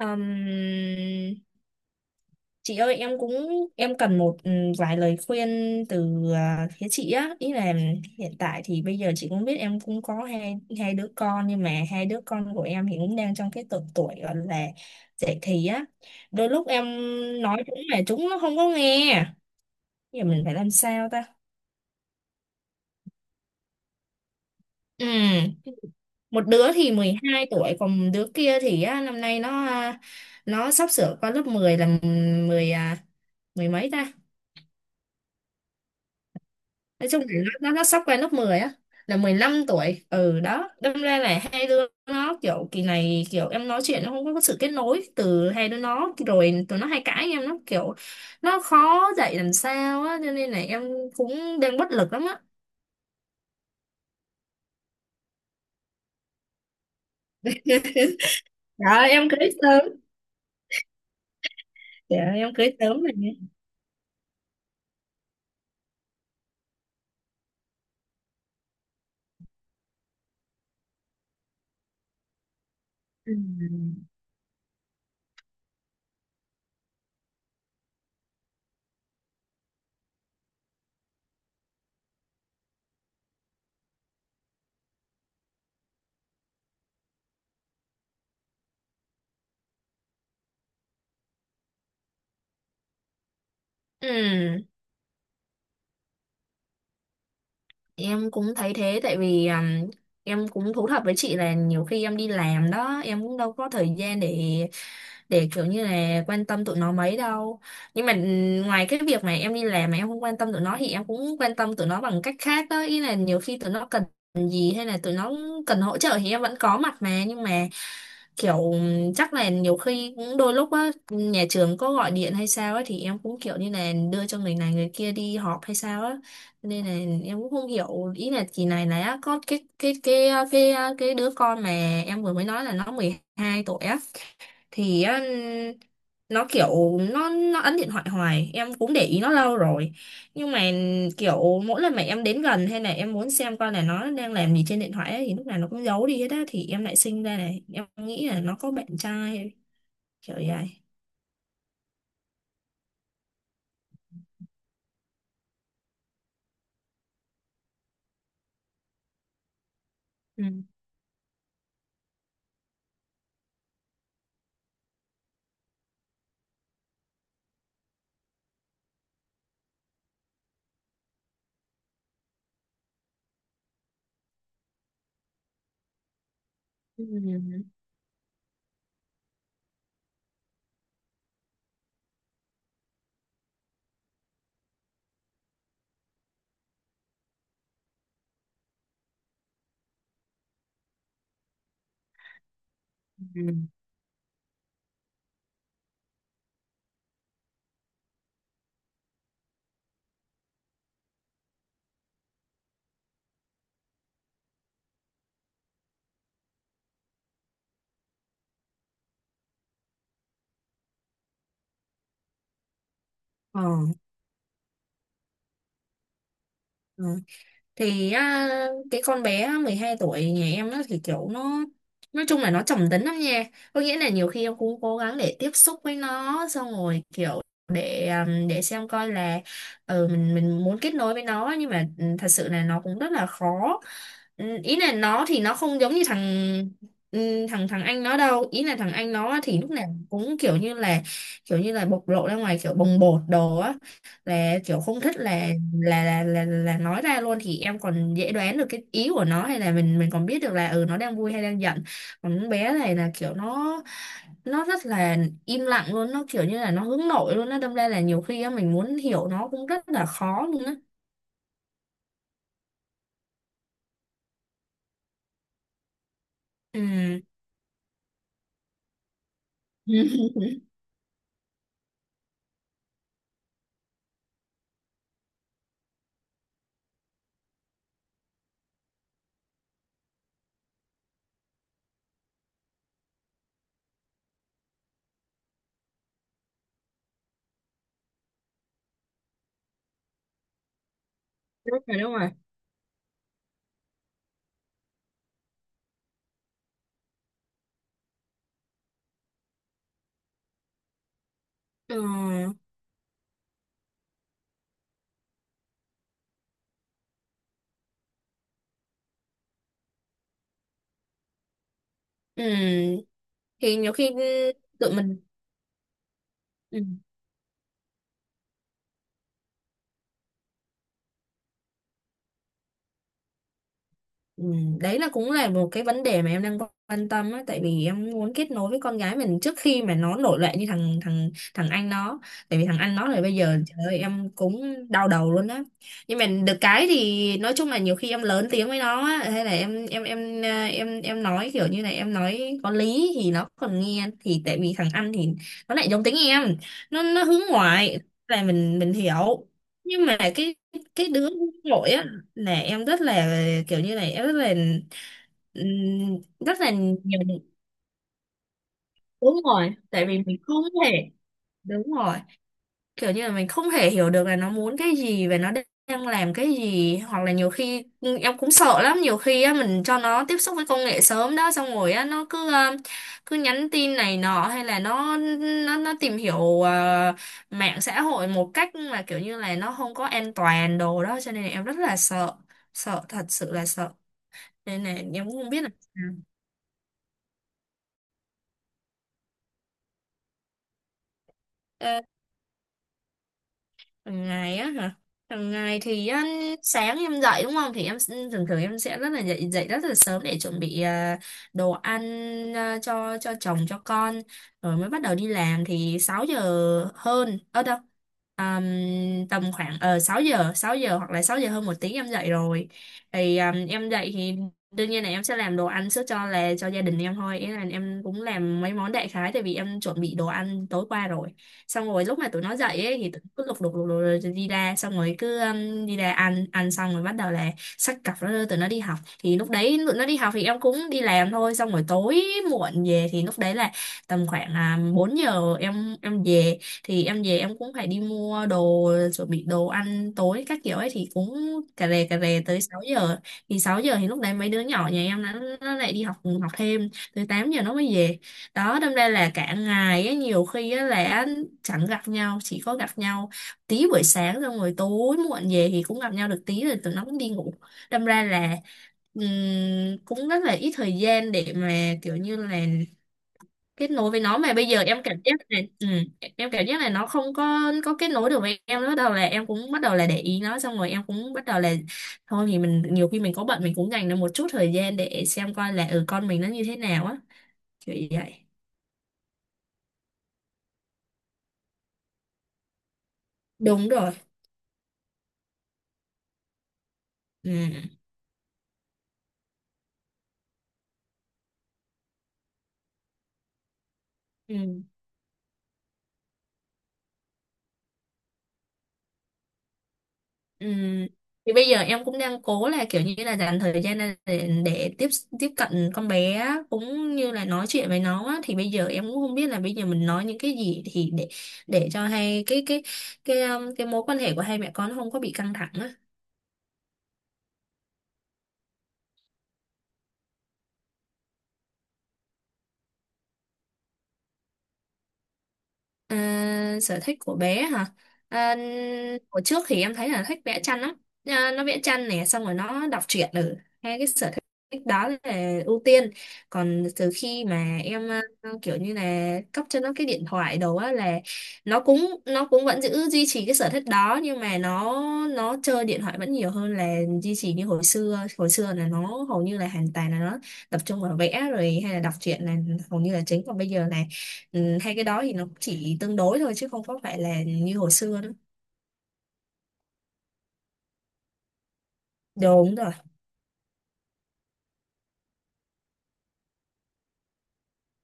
Ừm, chị ơi, em cũng em cần một vài lời khuyên từ phía chị á, ý là hiện tại thì bây giờ chị cũng biết em cũng có hai hai đứa con, nhưng mà hai đứa con của em thì cũng đang trong cái độ tuổi gọi là dậy thì á. Đôi lúc em nói chúng mà chúng nó không có nghe, giờ mình phải làm sao ta? Ừm, Một đứa thì 12 tuổi, còn đứa kia thì á, năm nay nó nó sắp sửa qua lớp 10, là 10 mười mấy ta, nói chung là nó sắp qua lớp 10 á, là 15 tuổi. Ừ, đó, đâm ra là hai đứa nó kiểu kỳ này, kiểu em nói chuyện nó không có sự kết nối. Từ hai đứa nó rồi tụi nó hay cãi em, nó kiểu nó khó dạy làm sao á, cho nên là em cũng đang bất lực lắm á. Dạ em cưới sớm. Dạ em cưới sớm rồi nha. Ừ. Ừ, em cũng thấy thế, tại vì em cũng thú thật với chị là nhiều khi em đi làm đó, em cũng đâu có thời gian để kiểu như là quan tâm tụi nó mấy đâu. Nhưng mà ngoài cái việc mà em đi làm mà em không quan tâm tụi nó, thì em cũng quan tâm tụi nó bằng cách khác đó, ý là nhiều khi tụi nó cần gì hay là tụi nó cần hỗ trợ thì em vẫn có mặt mà. Nhưng mà kiểu chắc là nhiều khi cũng đôi lúc á, nhà trường có gọi điện hay sao á, thì em cũng kiểu như là đưa cho người này người kia đi họp hay sao á, nên là em cũng không hiểu. Ý là kỳ này là có cái đứa con mà em vừa mới nói là nó 12 tuổi á, thì á, nó kiểu nó ấn điện thoại hoài, em cũng để ý nó lâu rồi, nhưng mà kiểu mỗi lần mà em đến gần hay là em muốn xem coi là nó đang làm gì trên điện thoại ấy, thì lúc nào nó cũng giấu đi hết á. Thì em lại sinh ra này, em nghĩ là nó có bạn trai kiểu vậy. Ừ. Ừ. Ừ. Ờ. Ừ. Thì á, cái con bé 12 tuổi nhà em nó thì kiểu nó, nói chung là nó trầm tính lắm nha, có nghĩa là nhiều khi em cũng cố gắng để tiếp xúc với nó, xong rồi kiểu để xem coi là ừ, mình muốn kết nối với nó, nhưng mà ừ, thật sự là nó cũng rất là khó. Ừ, ý là nó thì nó không giống như thằng ừ, thằng thằng anh nó đâu. Ý là thằng anh nó thì lúc nào cũng kiểu như là bộc lộ ra ngoài, kiểu bồng bột đồ á, là kiểu không thích là là nói ra luôn, thì em còn dễ đoán được cái ý của nó, hay là mình còn biết được là ừ, nó đang vui hay đang giận. Còn con bé này là kiểu nó rất là im lặng luôn, nó kiểu như là nó hướng nội luôn á, đâm ra là nhiều khi á, mình muốn hiểu nó cũng rất là khó luôn á. Ừ. Đúng rồi, đúng rồi. Ừ. Ừ, thì nhiều khi tự mình. Ừ. Ừ, đấy là cũng là một cái vấn đề mà em đang quan tâm á, tại vì em muốn kết nối với con gái mình trước khi mà nó nổi loạn như thằng thằng thằng anh nó. Tại vì thằng anh nó là bây giờ trời ơi, em cũng đau đầu luôn á. Nhưng mà được cái thì nói chung là nhiều khi em lớn tiếng với nó á, hay là em à, em nói kiểu như này, em nói có lý thì nó còn nghe, thì tại vì thằng anh thì nó lại giống tính em, nó hướng ngoại, là mình hiểu. Nhưng mà cái đứa hướng nội á, là em rất là, kiểu như này em ừm, rất là nhiều. Đúng rồi, tại vì mình không thể. Đúng rồi, kiểu như là mình không thể hiểu được là nó muốn cái gì và nó đang làm cái gì. Hoặc là nhiều khi em cũng sợ lắm, nhiều khi á mình cho nó tiếp xúc với công nghệ sớm đó, xong rồi á nó cứ cứ nhắn tin này nọ, hay là nó nó tìm hiểu mạng xã hội một cách mà kiểu như là nó không có an toàn đồ đó, cho nên là em rất là sợ, sợ thật sự là sợ. Này này em cũng không biết là. Ờ, hàng ngày á hả? Hàng ngày thì á, sáng em dậy đúng không, thì em thường thường em sẽ rất là dậy dậy rất là sớm để chuẩn bị đồ ăn cho chồng cho con, rồi mới bắt đầu đi làm. Thì 6 giờ hơn ở đâu. Àm, Tầm khoảng 6 giờ, 6 giờ hoặc là 6 giờ hơn 1 tiếng em dậy rồi. Thì à, em dậy thì đương nhiên là em sẽ làm đồ ăn trước, cho là cho gia đình em thôi. Ý là em cũng làm mấy món đại khái, tại vì em chuẩn bị đồ ăn tối qua rồi. Xong rồi lúc mà tụi nó dậy ấy, thì tụi nó cứ lục đục rồi đi ra, xong rồi cứ đi ra ăn, ăn xong rồi bắt đầu là xách cặp nó đưa tụi nó đi học. Thì lúc đấy tụi nó đi học thì em cũng đi làm thôi, xong rồi tối muộn về thì lúc đấy là tầm khoảng à, 4 giờ em về. Thì em về em cũng phải đi mua đồ chuẩn bị đồ ăn tối các kiểu ấy, thì cũng cà rề tới 6 giờ. Thì 6 giờ thì lúc đấy mấy đứa nhỏ nhà em nó lại đi học, học thêm tới 8 giờ nó mới về. Đó, đâm ra là cả ngày ấy, nhiều khi á là chẳng gặp nhau, chỉ có gặp nhau tí buổi sáng, xong rồi tối muộn về thì cũng gặp nhau được tí rồi tụi nó cũng đi ngủ. Đâm ra là cũng rất là ít thời gian để mà kiểu như là kết nối với nó. Mà bây giờ em cảm giác này ừ, em cảm giác là nó không có kết nối được với em nữa. Bắt đầu là em cũng bắt đầu là để ý nó, xong rồi em cũng bắt đầu là thôi thì mình nhiều khi mình có bận mình cũng dành ra một chút thời gian để xem coi là ừ, con mình nó như thế nào á, kiểu vậy. Đúng rồi. Ừ. Ừ. Ừ. Thì bây giờ em cũng đang cố là kiểu như là dành thời gian ra để tiếp tiếp cận con bé á, cũng như là nói chuyện với nó á. Thì bây giờ em cũng không biết là bây giờ mình nói những cái gì thì để cho hai cái mối quan hệ của hai mẹ con nó không có bị căng thẳng á. À, sở thích của bé hả? À, hồi trước thì em thấy là thích vẽ tranh lắm. À, nó vẽ tranh này, xong rồi nó đọc truyện ở, hai cái sở thích đó là ưu tiên. Còn từ khi mà em kiểu như là cấp cho nó cái điện thoại đồ á, là nó cũng vẫn giữ duy trì cái sở thích đó, nhưng mà nó chơi điện thoại vẫn nhiều hơn là duy trì như hồi xưa. Hồi xưa là nó hầu như là hoàn toàn là nó tập trung vào vẽ rồi, hay là đọc truyện là hầu như là chính, còn bây giờ này. Ừ, hay cái đó thì nó chỉ tương đối thôi chứ không có phải là như hồi xưa nữa. Đúng rồi.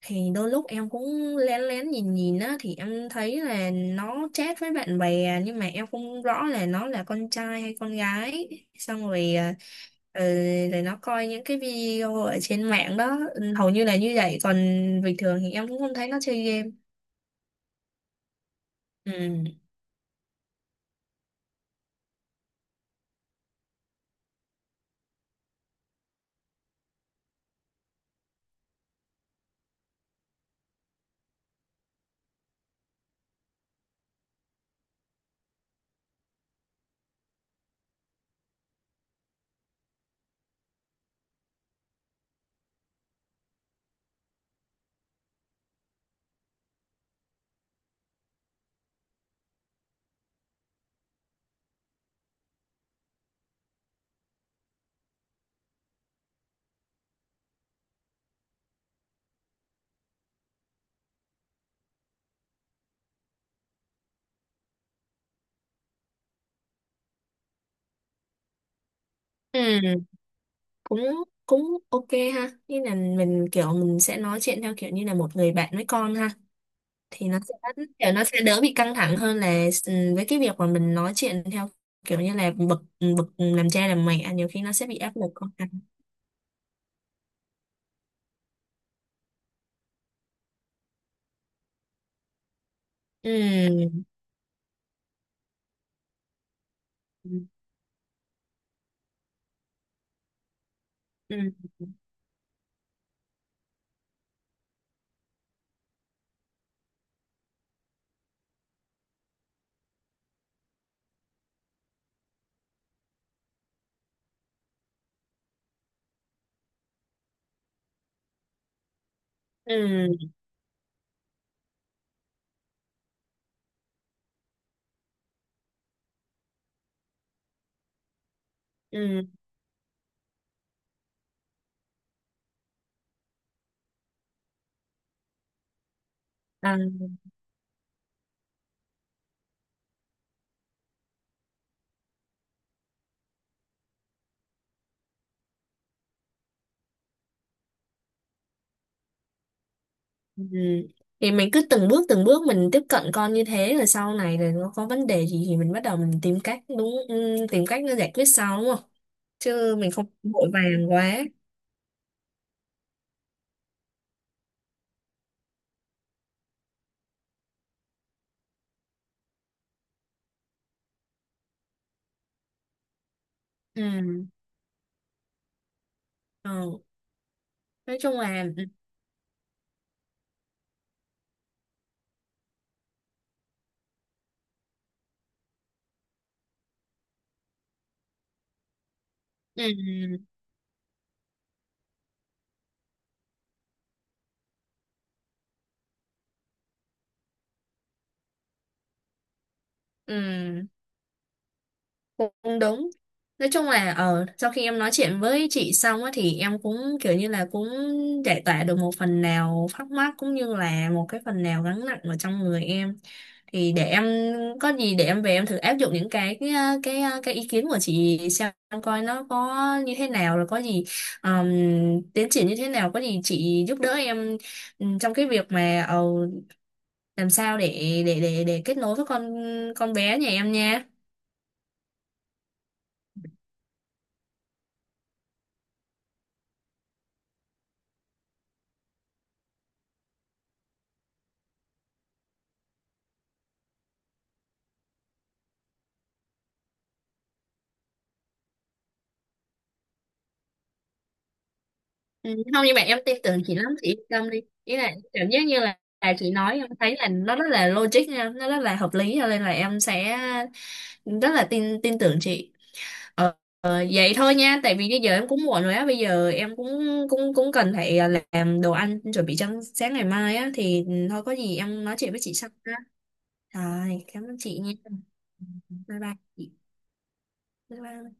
Thì đôi lúc em cũng lén lén nhìn nhìn á, thì em thấy là nó chat với bạn bè, nhưng mà em không rõ là nó là con trai hay con gái. Xong rồi à, ừ, rồi nó coi những cái video ở trên mạng đó. Ừ, hầu như là như vậy, còn bình thường thì em cũng không thấy nó chơi game. Ừ. Ừ, cũng cũng ok ha. Như là mình kiểu mình sẽ nói chuyện theo kiểu như là một người bạn với con ha. Thì nó sẽ kiểu nó sẽ đỡ bị căng thẳng hơn là ừ, với cái việc mà mình nói chuyện theo kiểu như là bực bực làm cha làm mẹ, nhiều khi nó sẽ bị áp lực con cái. Ừ. Ừ. Ừ. Ừ. Ừ. À, ừ. Thì mình cứ từng bước mình tiếp cận con như thế, rồi sau này rồi nó có vấn đề gì thì mình bắt đầu mình tìm cách, đúng ừ, tìm cách nó giải quyết sau đúng không. Chứ mình không vội vàng quá. Ừ. Ừ. Nói chung là. Ừ. Ừ. Ừ. Cũng đúng. Nói chung là ờ, sau khi em nói chuyện với chị xong á, thì em cũng kiểu như là cũng giải tỏa được một phần nào thắc mắc, cũng như là một cái phần nào gánh nặng ở trong người em. Thì để em có gì để em về em thử áp dụng những cái cái ý kiến của chị xem coi nó có như thế nào. Rồi có gì ờm, tiến triển như thế nào, có gì chị giúp đỡ em trong cái việc mà làm sao để kết nối với con bé nhà em nha. Ừ, không, nhưng mà em tin tưởng chị lắm, chị yên tâm đi. Ý là cảm giác như là chị nói em thấy là nó rất là logic nha, nó rất là hợp lý, cho nên là em sẽ rất là tin tin tưởng chị. ờ, Vậy thôi nha, tại vì bây giờ em cũng muộn rồi á, bây giờ em cũng cũng cũng cần phải làm đồ ăn chuẩn bị cho sáng ngày mai á. Thì thôi có gì em nói chuyện với chị sau ha. Rồi cảm ơn chị nha. Ừ, bye bye chị. Bye bye.